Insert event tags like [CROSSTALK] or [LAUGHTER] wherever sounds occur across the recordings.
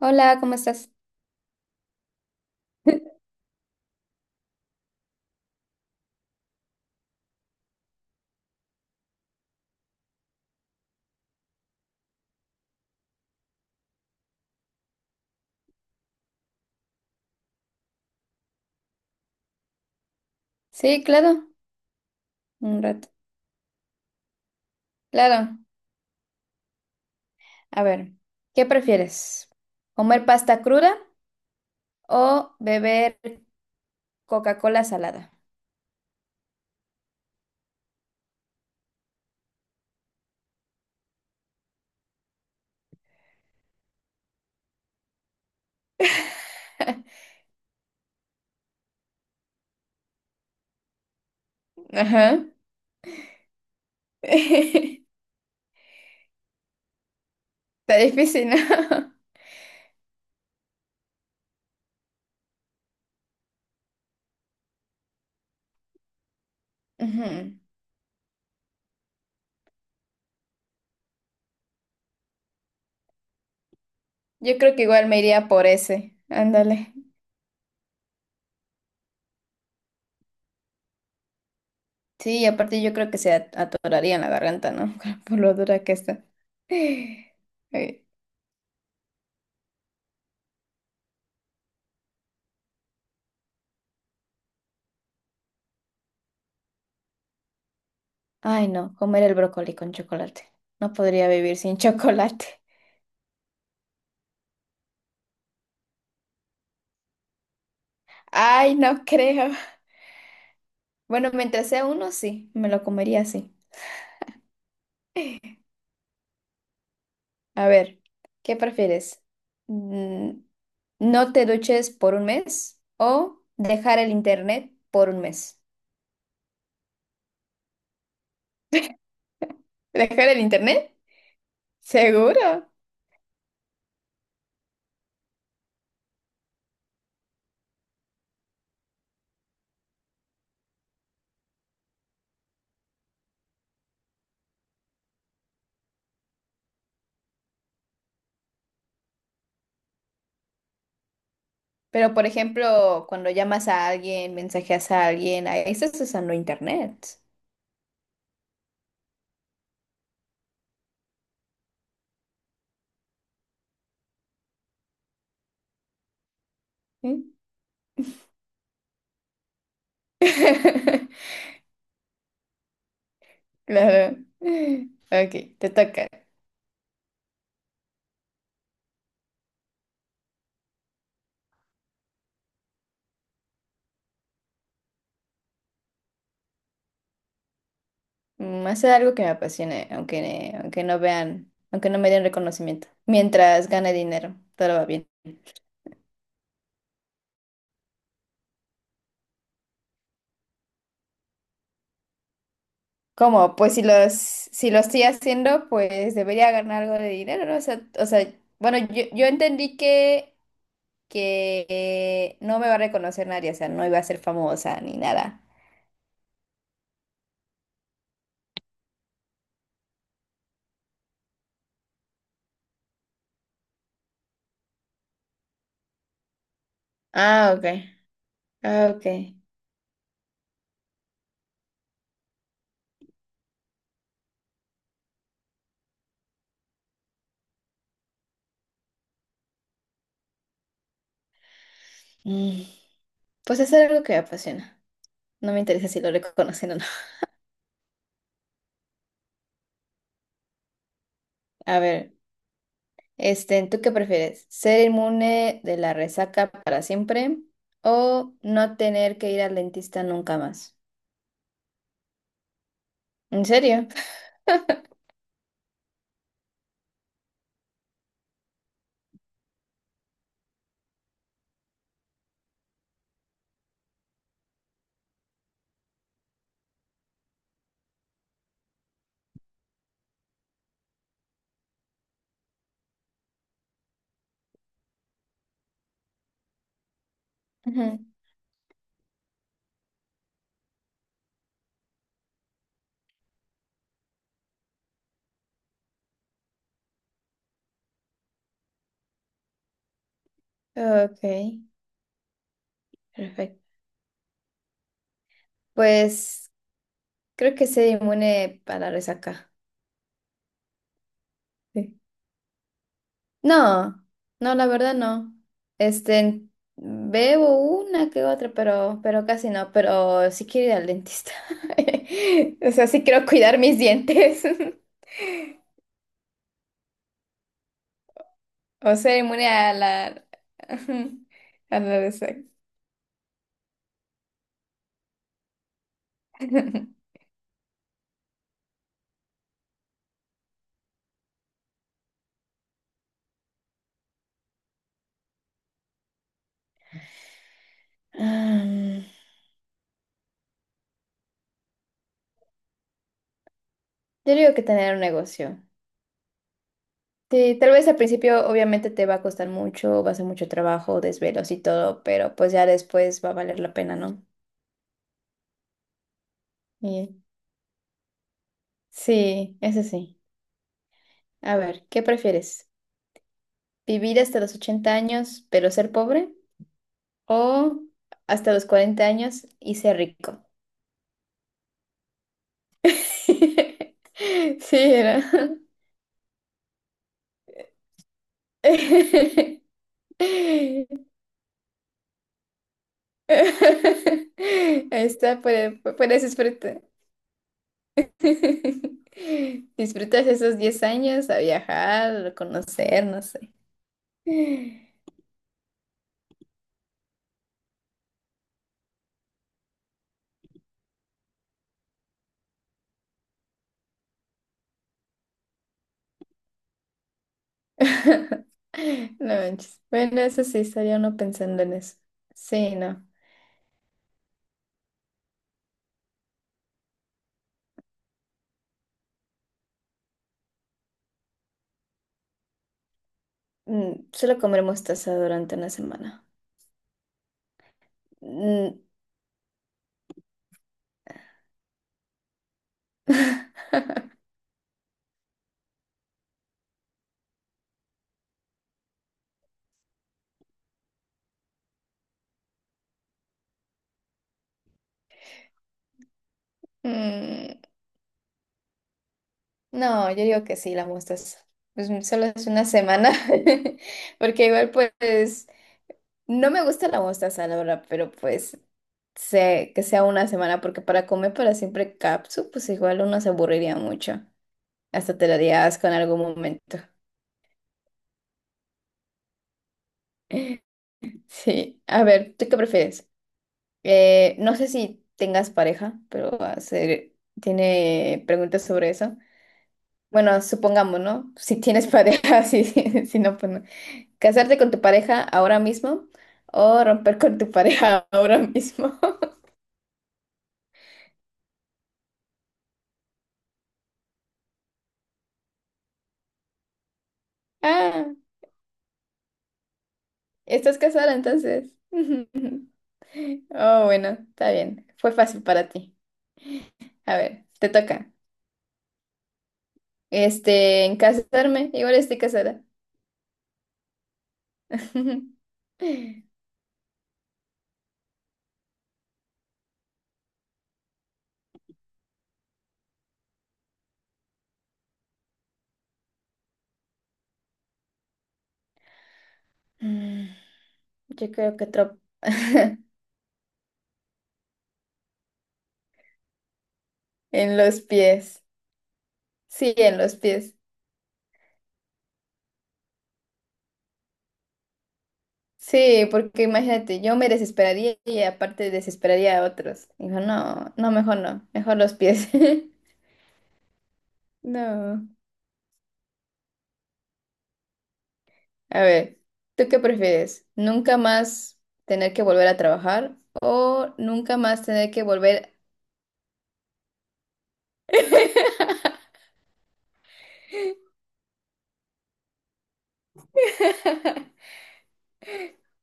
Hola, ¿cómo estás? [LAUGHS] Sí, claro, un rato. Claro, a ver, ¿qué prefieres? ¿Comer pasta cruda o beber Coca-Cola salada? [LAUGHS] Ajá. [LAUGHS] Está difícil, ¿no? [LAUGHS] Ujú. Yo creo que igual me iría por ese. Ándale. Sí, y aparte yo creo que se atoraría en la garganta, ¿no? [LAUGHS] Por lo dura que está. [LAUGHS] Ay, Ay, no, comer el brócoli con chocolate. No podría vivir sin [LAUGHS] chocolate. Ay, no creo. Bueno, mientras sea uno, sí, me lo comería así. A ver, ¿qué prefieres? Mm, ¿No te duches por un mes o dejar el internet por un mes? ¿Dejar el internet? Seguro. Pero, por ejemplo, cuando llamas a alguien, mensajeas a alguien, ahí estás usando internet. ¿Sí? [LAUGHS] Claro. Ok, te toca. Hacer algo que me apasione, aunque no vean, aunque no me den reconocimiento. Mientras gane dinero, todo va bien. ¿Cómo? Pues si lo estoy haciendo, pues debería ganar algo de dinero, ¿no? O sea, bueno, yo entendí que no me va a reconocer nadie, o sea, no iba a ser famosa ni nada. Ah, ok. Ah, ok. Mm, Pues hacer algo que me apasiona. No me interesa si lo reconocen o no. A ver. Este, ¿tú qué prefieres? ¿Ser inmune de la resaca para siempre o no tener que ir al dentista nunca más? ¿En serio? Ujú. [LAUGHS] Ok, perfecto. Pues creo que ser inmune para la resaca. Sí. No, no, la verdad no. Este, bebo una que otra, pero casi no. Pero sí quiero ir al dentista. [LAUGHS] O sea, sí quiero cuidar mis dientes. [LAUGHS] O ser inmune a la... [LAUGHS] a la resaca. [LAUGHS] Mm, Yo digo que tener un negocio. Sí, tal vez al principio obviamente te va a costar mucho, va a ser mucho trabajo, desvelos y todo, pero pues ya después va a valer la pena, ¿no? Y- sí, eso sí. A ver, ¿qué prefieres? ¿Vivir hasta los 80 años pero ser pobre? ¿O hasta los 40 años y ser rico? [LAUGHS] Sí, era. [LAUGHS] [LAUGHS] Ahí está, puedes disfrutar. [LAUGHS] Disfrutas esos 10 años a viajar, a conocer, no sé. [LAUGHS] No manches. Bueno, eso sí, estaría uno pensando en eso. Sí, no. Solo comer mostaza durante una semana. Mm, [LAUGHS] mm, No, yo digo que sí, la mostaza. Pues solo es una semana. [LAUGHS] Porque igual, pues, no me gusta la mostaza, la verdad, pero pues que sea una semana, porque para comer para siempre capsu, pues igual uno se aburriría mucho. Hasta te daría asco en algún momento. [LAUGHS] Sí, a ver, ¿tú qué prefieres? No sé si tengas pareja, pero tiene preguntas sobre eso. Bueno, supongamos, ¿no? [LAUGHS] Si tienes pareja, [LAUGHS] sí, sí, si no, pues no. ¿Casarte con tu pareja ahora mismo o romper con tu pareja ahora mismo? [LAUGHS] Ah, ¿estás casada entonces? [LAUGHS] Oh, bueno, está bien. Fue fácil para ti. A ver, te toca. Este, en casarme, igual estoy casada. [LAUGHS] Mm, Yo creo que otro... [LAUGHS] en los pies. Sí, en los pies. Sí, porque imagínate, yo me desesperaría y aparte desesperaría a otros. Dijo, no, no, mejor no, mejor los pies. [LAUGHS] No. A ver, ¿tú qué prefieres? ¿Nunca más tener que volver a trabajar o nunca más tener que volver?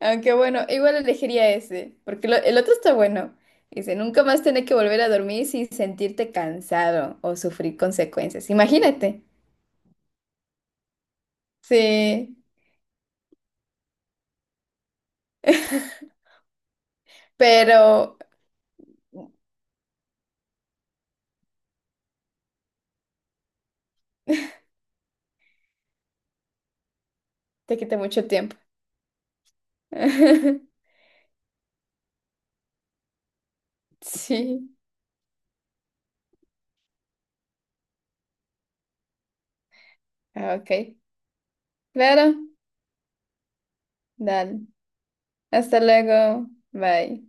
Aunque bueno, igual elegiría ese, porque el otro está bueno. Dice, nunca más tener que volver a dormir sin sentirte cansado o sufrir consecuencias. Imagínate. Sí, [LAUGHS] pero te quita mucho tiempo. [LAUGHS] Sí, ah, ok. Claro, dale. Hasta luego. Bye.